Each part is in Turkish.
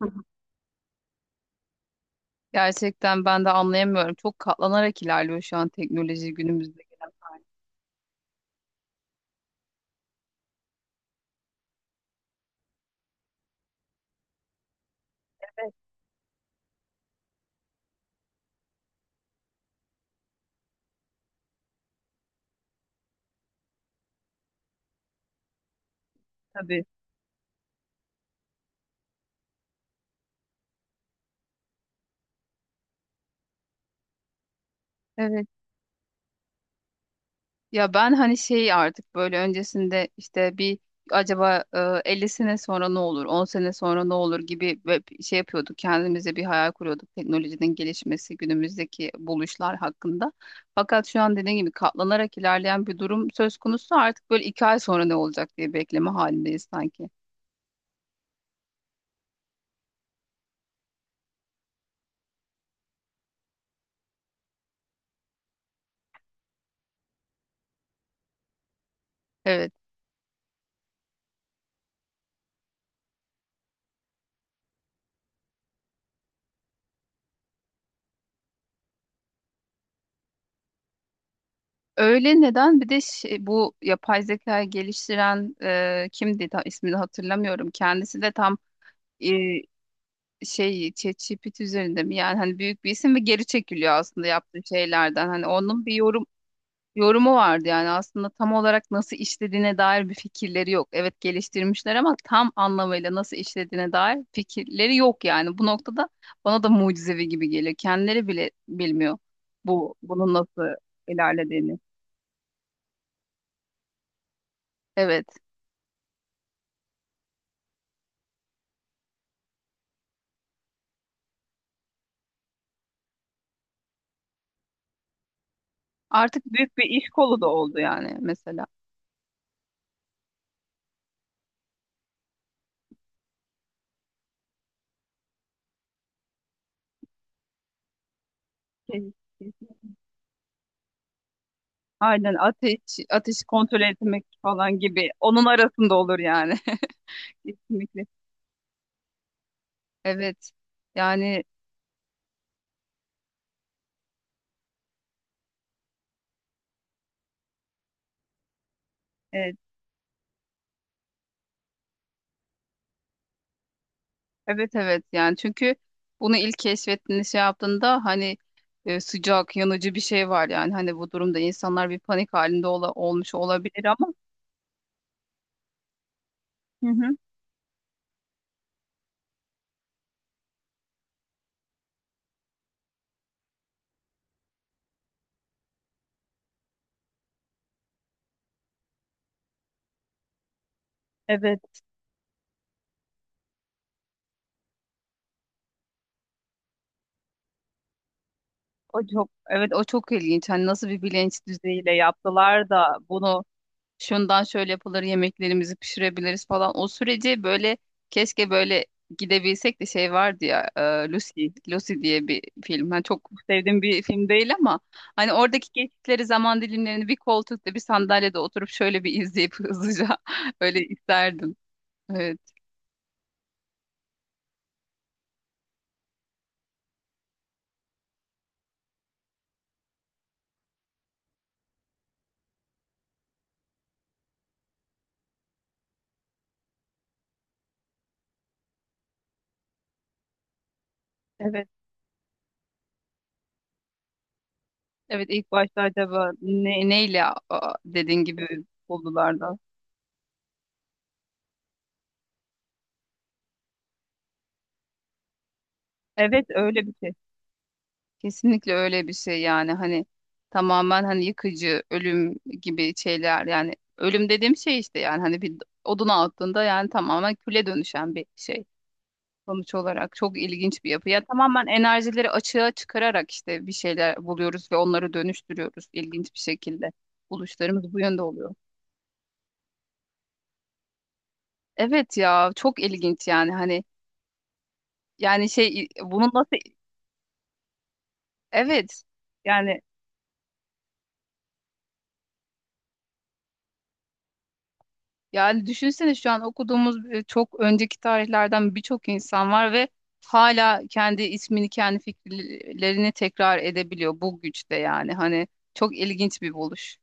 Hı. Hı. Gerçekten ben de anlayamıyorum. Çok katlanarak ilerliyor şu an teknoloji günümüzde gelen hali. Tabii. Evet. Ya ben hani şey artık böyle öncesinde işte bir acaba 50 sene sonra ne olur, 10 sene sonra ne olur gibi ve şey yapıyorduk. Kendimize bir hayal kuruyorduk teknolojinin gelişmesi, günümüzdeki buluşlar hakkında. Fakat şu an dediğim gibi katlanarak ilerleyen bir durum söz konusu. Artık böyle 2 ay sonra ne olacak diye bekleme halindeyiz sanki. Evet. Öyle neden? Bir de bu yapay zeka geliştiren kimdi? İsmini hatırlamıyorum. Kendisi de tam e, şey, ChatGPT üzerinde mi? Yani hani büyük bir isim ve geri çekiliyor aslında yaptığı şeylerden. Hani onun bir yorumu vardı yani aslında tam olarak nasıl işlediğine dair bir fikirleri yok. Evet, geliştirmişler ama tam anlamıyla nasıl işlediğine dair fikirleri yok yani. Bu noktada bana da mucizevi gibi geliyor. Kendileri bile bilmiyor bunun nasıl ilerlediğini. Evet. Artık büyük bir iş kolu da oldu yani mesela. Kesin- kesin. Aynen ateşi kontrol etmek falan gibi. Onun arasında olur yani. Kesinlikle. Evet. Yani evet, evet, evet yani, çünkü bunu ilk keşfettiğinde şey yaptığında hani sıcak yanıcı bir şey var yani, hani bu durumda insanlar bir panik halinde olmuş olabilir ama. Hı hı. Evet, o çok ilginç, hani nasıl bir bilinç düzeyiyle yaptılar da bunu şundan şöyle yapılır, yemeklerimizi pişirebiliriz falan. O süreci böyle, keşke böyle gidebilsek de. Şey vardı ya, Lucy diye bir film. Ben çok sevdiğim bir film değil ama hani oradaki geçtikleri zaman dilimlerini bir koltukta, bir sandalyede oturup şöyle bir izleyip hızlıca, öyle isterdim. Evet. Evet. Evet, ilk başta acaba neyle, dediğin gibi buldular da. Evet, öyle bir şey. Kesinlikle öyle bir şey yani, hani tamamen hani yıkıcı, ölüm gibi şeyler. Yani ölüm dediğim şey işte, yani hani bir oduna attığında yani tamamen küle dönüşen bir şey sonuç olarak, çok ilginç bir yapı. Ya tamamen enerjileri açığa çıkararak işte bir şeyler buluyoruz ve onları dönüştürüyoruz ilginç bir şekilde. Buluşlarımız bu yönde oluyor. Evet ya, çok ilginç yani, hani yani şey bunun nasıl, evet yani. Yani düşünsene, şu an okuduğumuz çok önceki tarihlerden birçok insan var ve hala kendi ismini, kendi fikirlerini tekrar edebiliyor bu güçte yani. Hani çok ilginç bir buluş.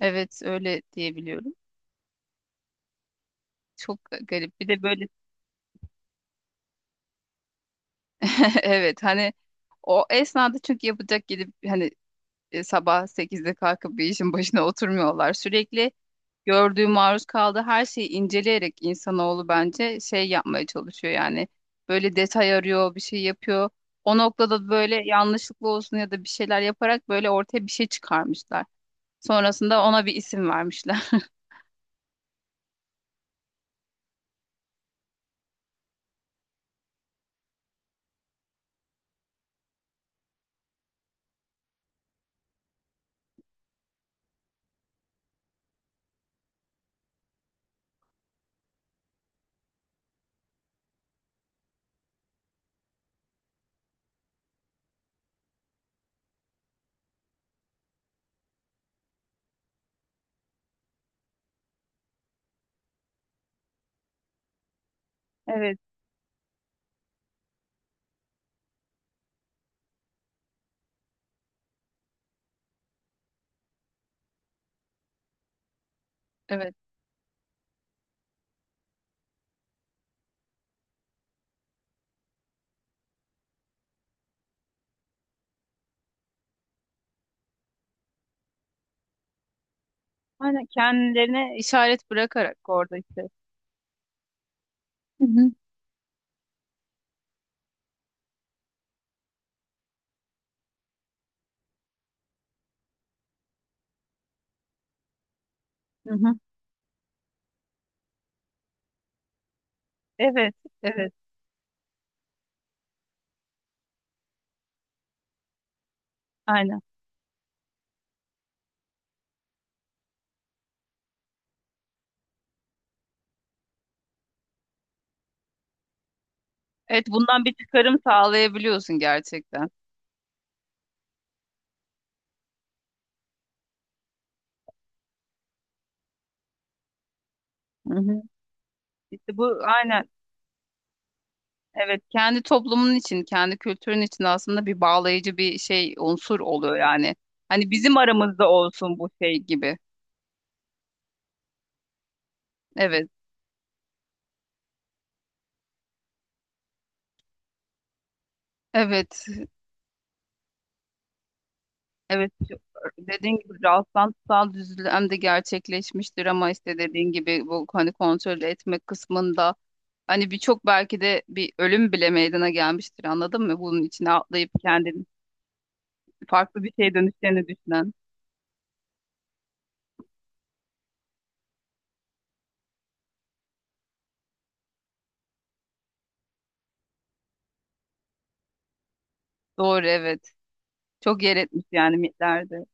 Evet, öyle diyebiliyorum. Çok garip. Bir de böyle evet, hani o esnada çünkü yapacak gidip hani sabah 8'de kalkıp bir işin başına oturmuyorlar. Sürekli gördüğü, maruz kaldığı her şeyi inceleyerek insanoğlu bence şey yapmaya çalışıyor yani. Böyle detay arıyor, bir şey yapıyor. O noktada böyle yanlışlıkla olsun ya da bir şeyler yaparak böyle ortaya bir şey çıkarmışlar. Sonrasında ona bir isim vermişler. Evet, evet. Aynen, kendilerine işaret bırakarak orada işte. Hı hı, hı hı. Evet, evet, aynen. Evet, bundan bir çıkarım sağlayabiliyorsun gerçekten. Hı hı. İşte bu aynen. Evet, kendi toplumun için, kendi kültürün için aslında bir bağlayıcı bir şey, unsur oluyor yani. Hani bizim aramızda olsun bu, şey gibi. Evet, evet, evet. Dediğin gibi rastlantısal düzlem de gerçekleşmiştir ama işte dediğin gibi bu, hani kontrol etmek kısmında hani birçok, belki de bir ölüm bile meydana gelmiştir, anladın mı? Bunun içine atlayıp kendini farklı bir şeye dönüşlerini düşünen. Doğru, evet. Çok yer etmiş yani mitlerde.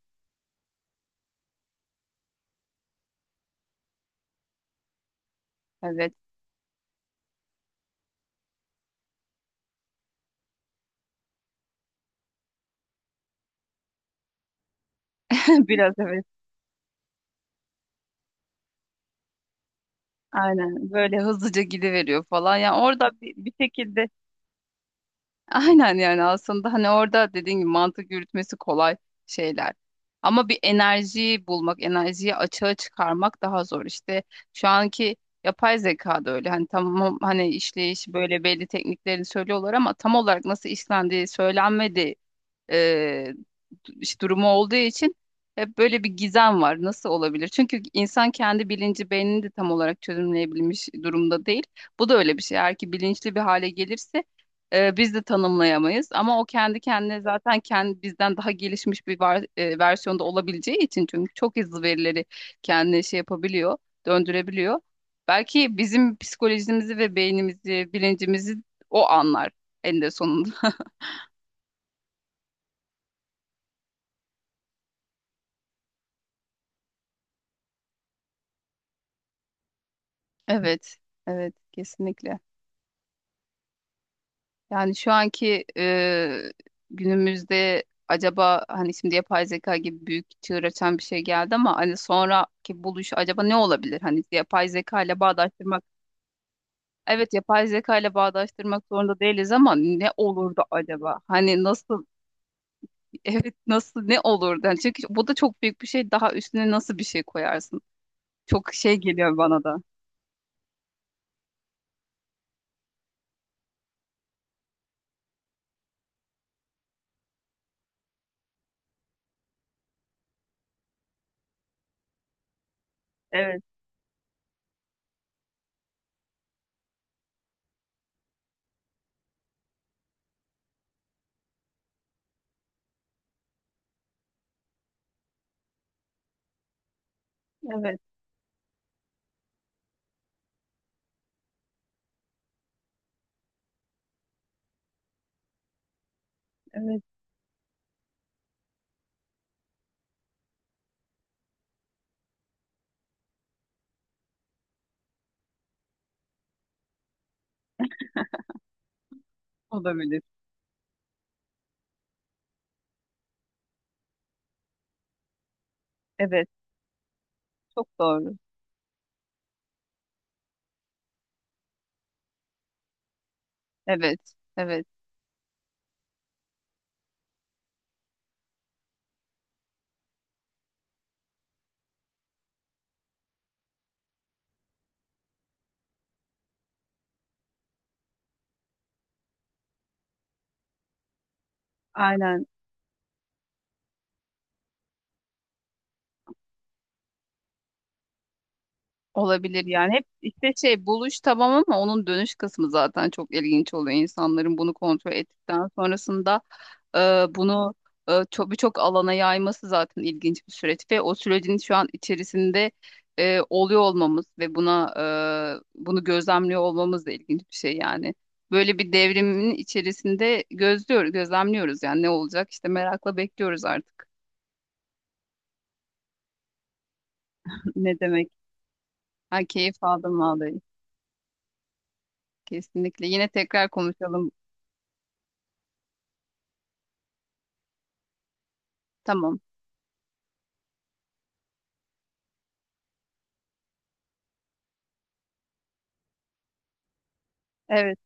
Evet, biraz evet. Aynen böyle hızlıca gidiveriyor falan. Yani orada bir şekilde aynen yani, aslında hani orada dediğin gibi mantık yürütmesi kolay şeyler. Ama bir enerjiyi bulmak, enerjiyi açığa çıkarmak daha zor. İşte şu anki yapay zeka da öyle. Hani tamam, hani işleyiş böyle belli, tekniklerini söylüyorlar ama tam olarak nasıl işlendiği söylenmedi, e, işte durumu olduğu için hep böyle bir gizem var. Nasıl olabilir? Çünkü insan kendi bilinci, beynini de tam olarak çözümleyebilmiş durumda değil. Bu da öyle bir şey. Eğer ki bilinçli bir hale gelirse biz de tanımlayamayız. Ama o kendi kendine zaten kendi bizden daha gelişmiş bir versiyonda olabileceği için, çünkü çok hızlı verileri kendine şey yapabiliyor, döndürebiliyor. Belki bizim psikolojimizi ve beynimizi, bilincimizi o anlar en de sonunda. Evet, evet, kesinlikle. Yani şu anki günümüzde acaba, hani şimdi yapay zeka gibi büyük çığır açan bir şey geldi ama hani sonraki buluş acaba ne olabilir? Hani yapay zeka ile bağdaştırmak. Evet, yapay zeka ile bağdaştırmak zorunda değiliz ama ne olurdu acaba? Hani nasıl evet, nasıl, ne olurdu? Yani çünkü bu da çok büyük bir şey. Daha üstüne nasıl bir şey koyarsın? Çok şey geliyor bana da. Evet, evet, evet olabilir. Evet, çok doğru. Evet, evet. Aynen, olabilir yani. Hep işte şey, buluş tamam ama onun dönüş kısmı zaten çok ilginç oluyor. İnsanların bunu kontrol ettikten sonrasında e, bunu birçok alana yayması zaten ilginç bir süreç ve o sürecin şu an içerisinde oluyor olmamız ve bunu gözlemliyor olmamız da ilginç bir şey yani. Böyle bir devrimin içerisinde gözlüyoruz, gözlemliyoruz yani ne olacak işte, merakla bekliyoruz artık. Ne demek? Ha, keyif aldım vallahi. Kesinlikle. Yine tekrar konuşalım. Tamam. Evet,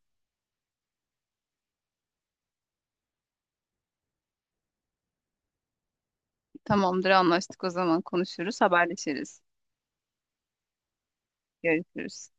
tamamdır, anlaştık. O zaman konuşuruz, haberleşiriz. Görüşürüz.